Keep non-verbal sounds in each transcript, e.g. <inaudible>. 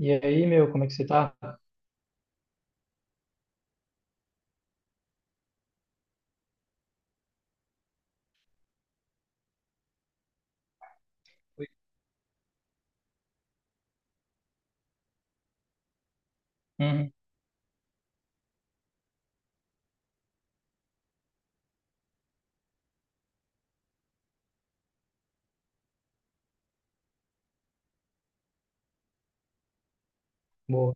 E aí, meu, como é que você tá? Oi. Uhum, boa.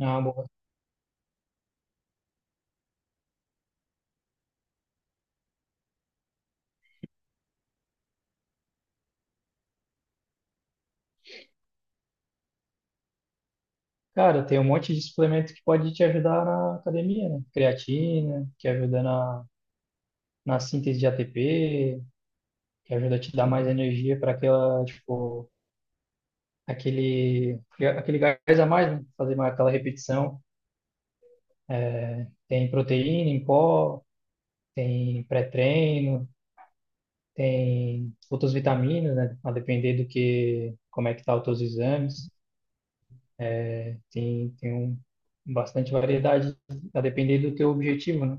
Ah, boa. Cara, tem um monte de suplemento que pode te ajudar na academia, né? Creatina, que ajuda na síntese de ATP, que ajuda a te dar mais energia para aquela, tipo, aquele, aquele gás a mais, né? Fazer mais aquela repetição. É, tem proteína em pó, tem pré-treino, tem outras vitaminas, né? A depender do que, como é que tá os teus exames. É, tem um, bastante variedade, a depender do teu objetivo, né?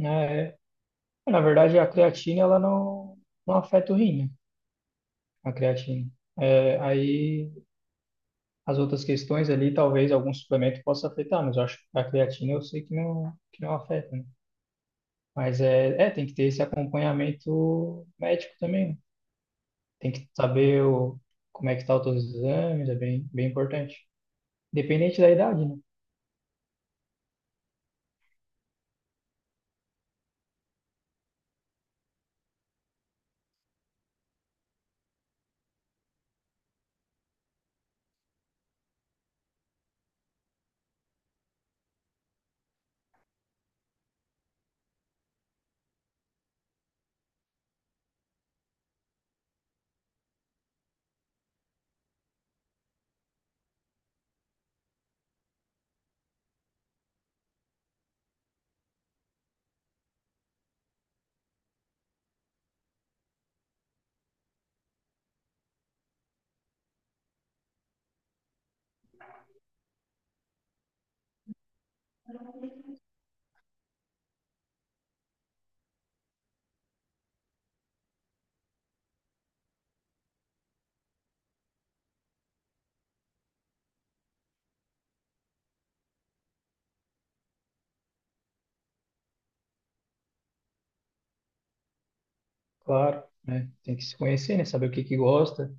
É, na verdade, a creatina ela não, não afeta o rim, né? A creatina. É, aí as outras questões ali, talvez algum suplemento possa afetar, mas eu acho que a creatina eu sei que não afeta, né? Mas é, tem que ter esse acompanhamento médico também, né? Tem que saber o, como é que tá os teus exames, é bem importante. Dependente da idade, né? Claro, né? Tem que se conhecer, né? Saber o que que gosta.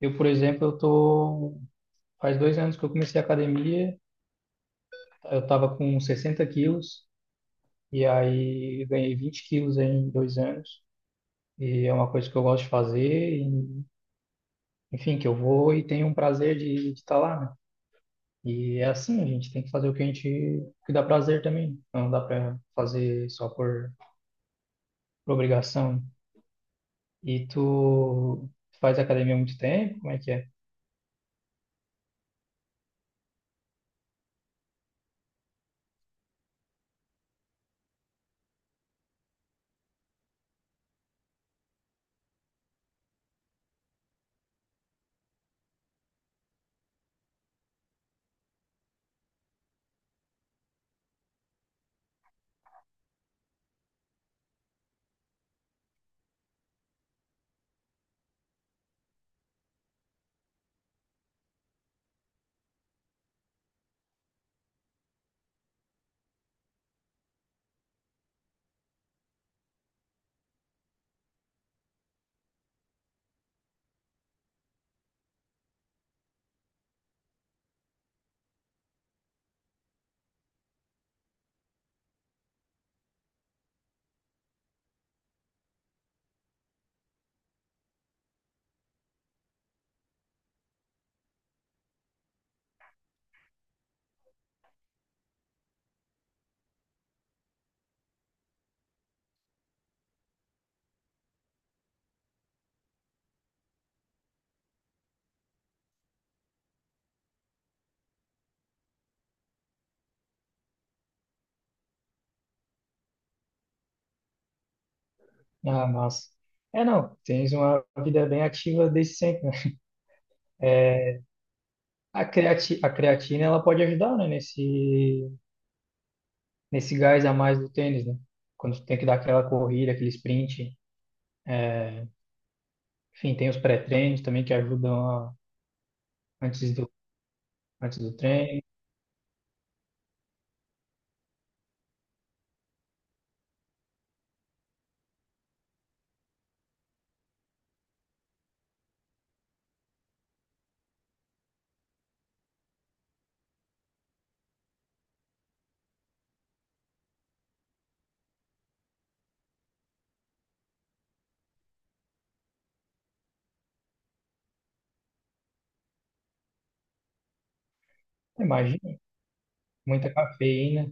Eu, por exemplo, eu tô... Faz dois anos que eu comecei a academia, eu tava com 60 quilos, e aí ganhei 20 quilos em dois anos. E é uma coisa que eu gosto de fazer, e, enfim, que eu vou e tenho um prazer de estar lá, né? E é assim, a gente tem que fazer o que a gente... o que dá prazer também. Não dá para fazer só por obrigação. E tu faz academia há muito tempo? Como é que é? Ah, massa. É, não, tens uma vida bem ativa desde sempre, né? A creatina, ela pode ajudar, né, nesse gás a mais do tênis, né? Quando tu tem que dar aquela corrida, aquele sprint. Enfim, tem os pré-treinos também que ajudam a- antes do, antes do treino. Imagina, muita cafeína,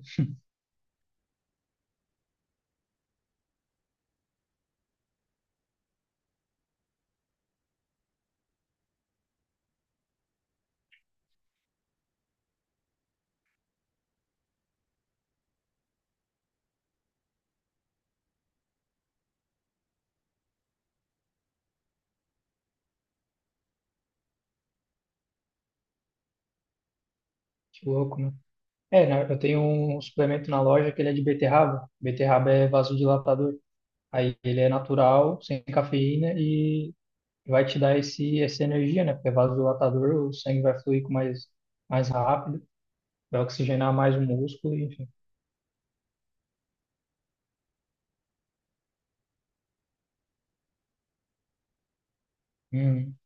que louco, né? É, né, eu tenho um suplemento na loja que ele é de beterraba. Beterraba é vasodilatador. Aí ele é natural, sem cafeína, vai te dar essa energia, né? Porque vasodilatador, o sangue vai fluir com mais rápido, vai oxigenar mais o músculo, enfim. Uhum.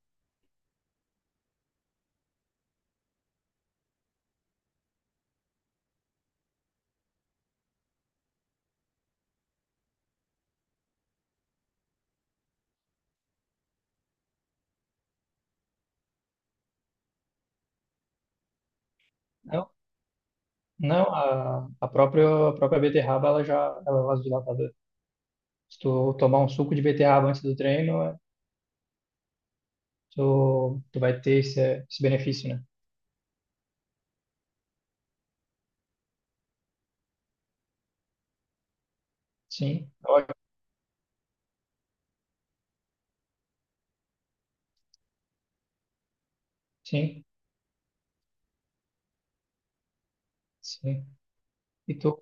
Não, não a própria, a própria beterraba, ela já ela é vasodilatadora. Se tu tomar um suco de beterraba antes do treino, é, tu vai ter esse benefício, né? Sim, ótimo. Sim, sim. E tu,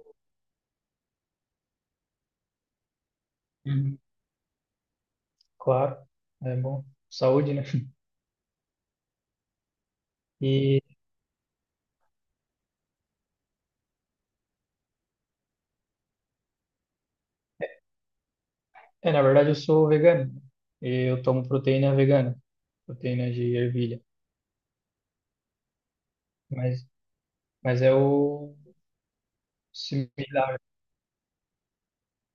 Uhum, claro, é bom. Saúde, né? <laughs> E é, na verdade eu sou vegano. E eu tomo proteína vegana, proteína de ervilha. Mas, mas é o similar a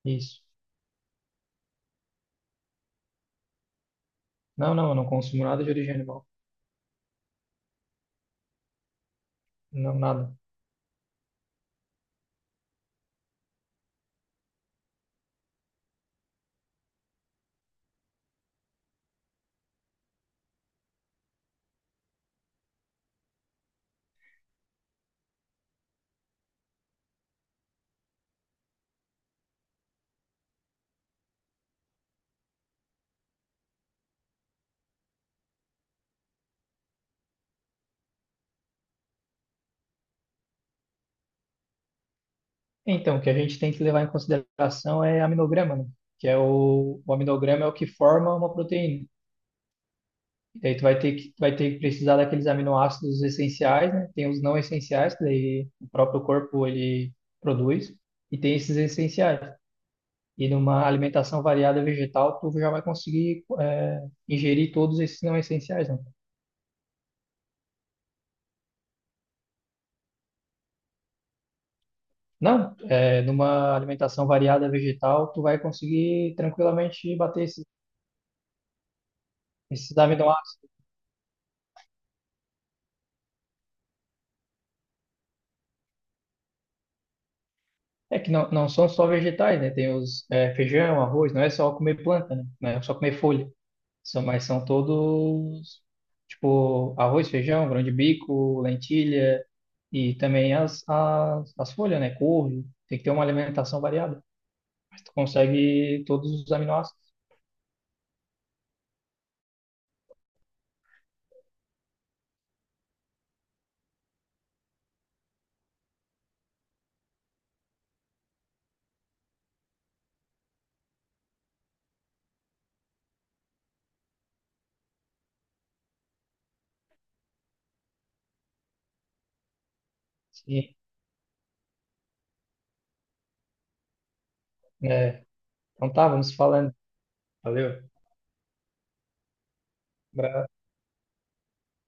isso. Não, não, eu não consumo nada de origem animal. Não, nada. Então, o que a gente tem que levar em consideração é aminograma, né? Que é o aminograma é o que forma uma proteína. E daí tu vai ter que precisar daqueles aminoácidos essenciais, né? Tem os não essenciais, que daí o próprio corpo ele produz, e tem esses essenciais. E numa alimentação variada vegetal, tu já vai conseguir, é, ingerir todos esses não essenciais, né? Não, é, numa alimentação variada vegetal, tu vai conseguir tranquilamente bater esses aminoácidos. É que não, não são só vegetais, né? Tem os é, feijão, arroz, não é só comer planta, né? Não é só comer folha, são, mas são todos, tipo, arroz, feijão, grão de bico, lentilha e também as folhas, né? Couve, tem que ter uma alimentação variada. Tu consegue todos os aminoácidos. Sim, né? Então tá, vamos falando. Valeu. Abraço.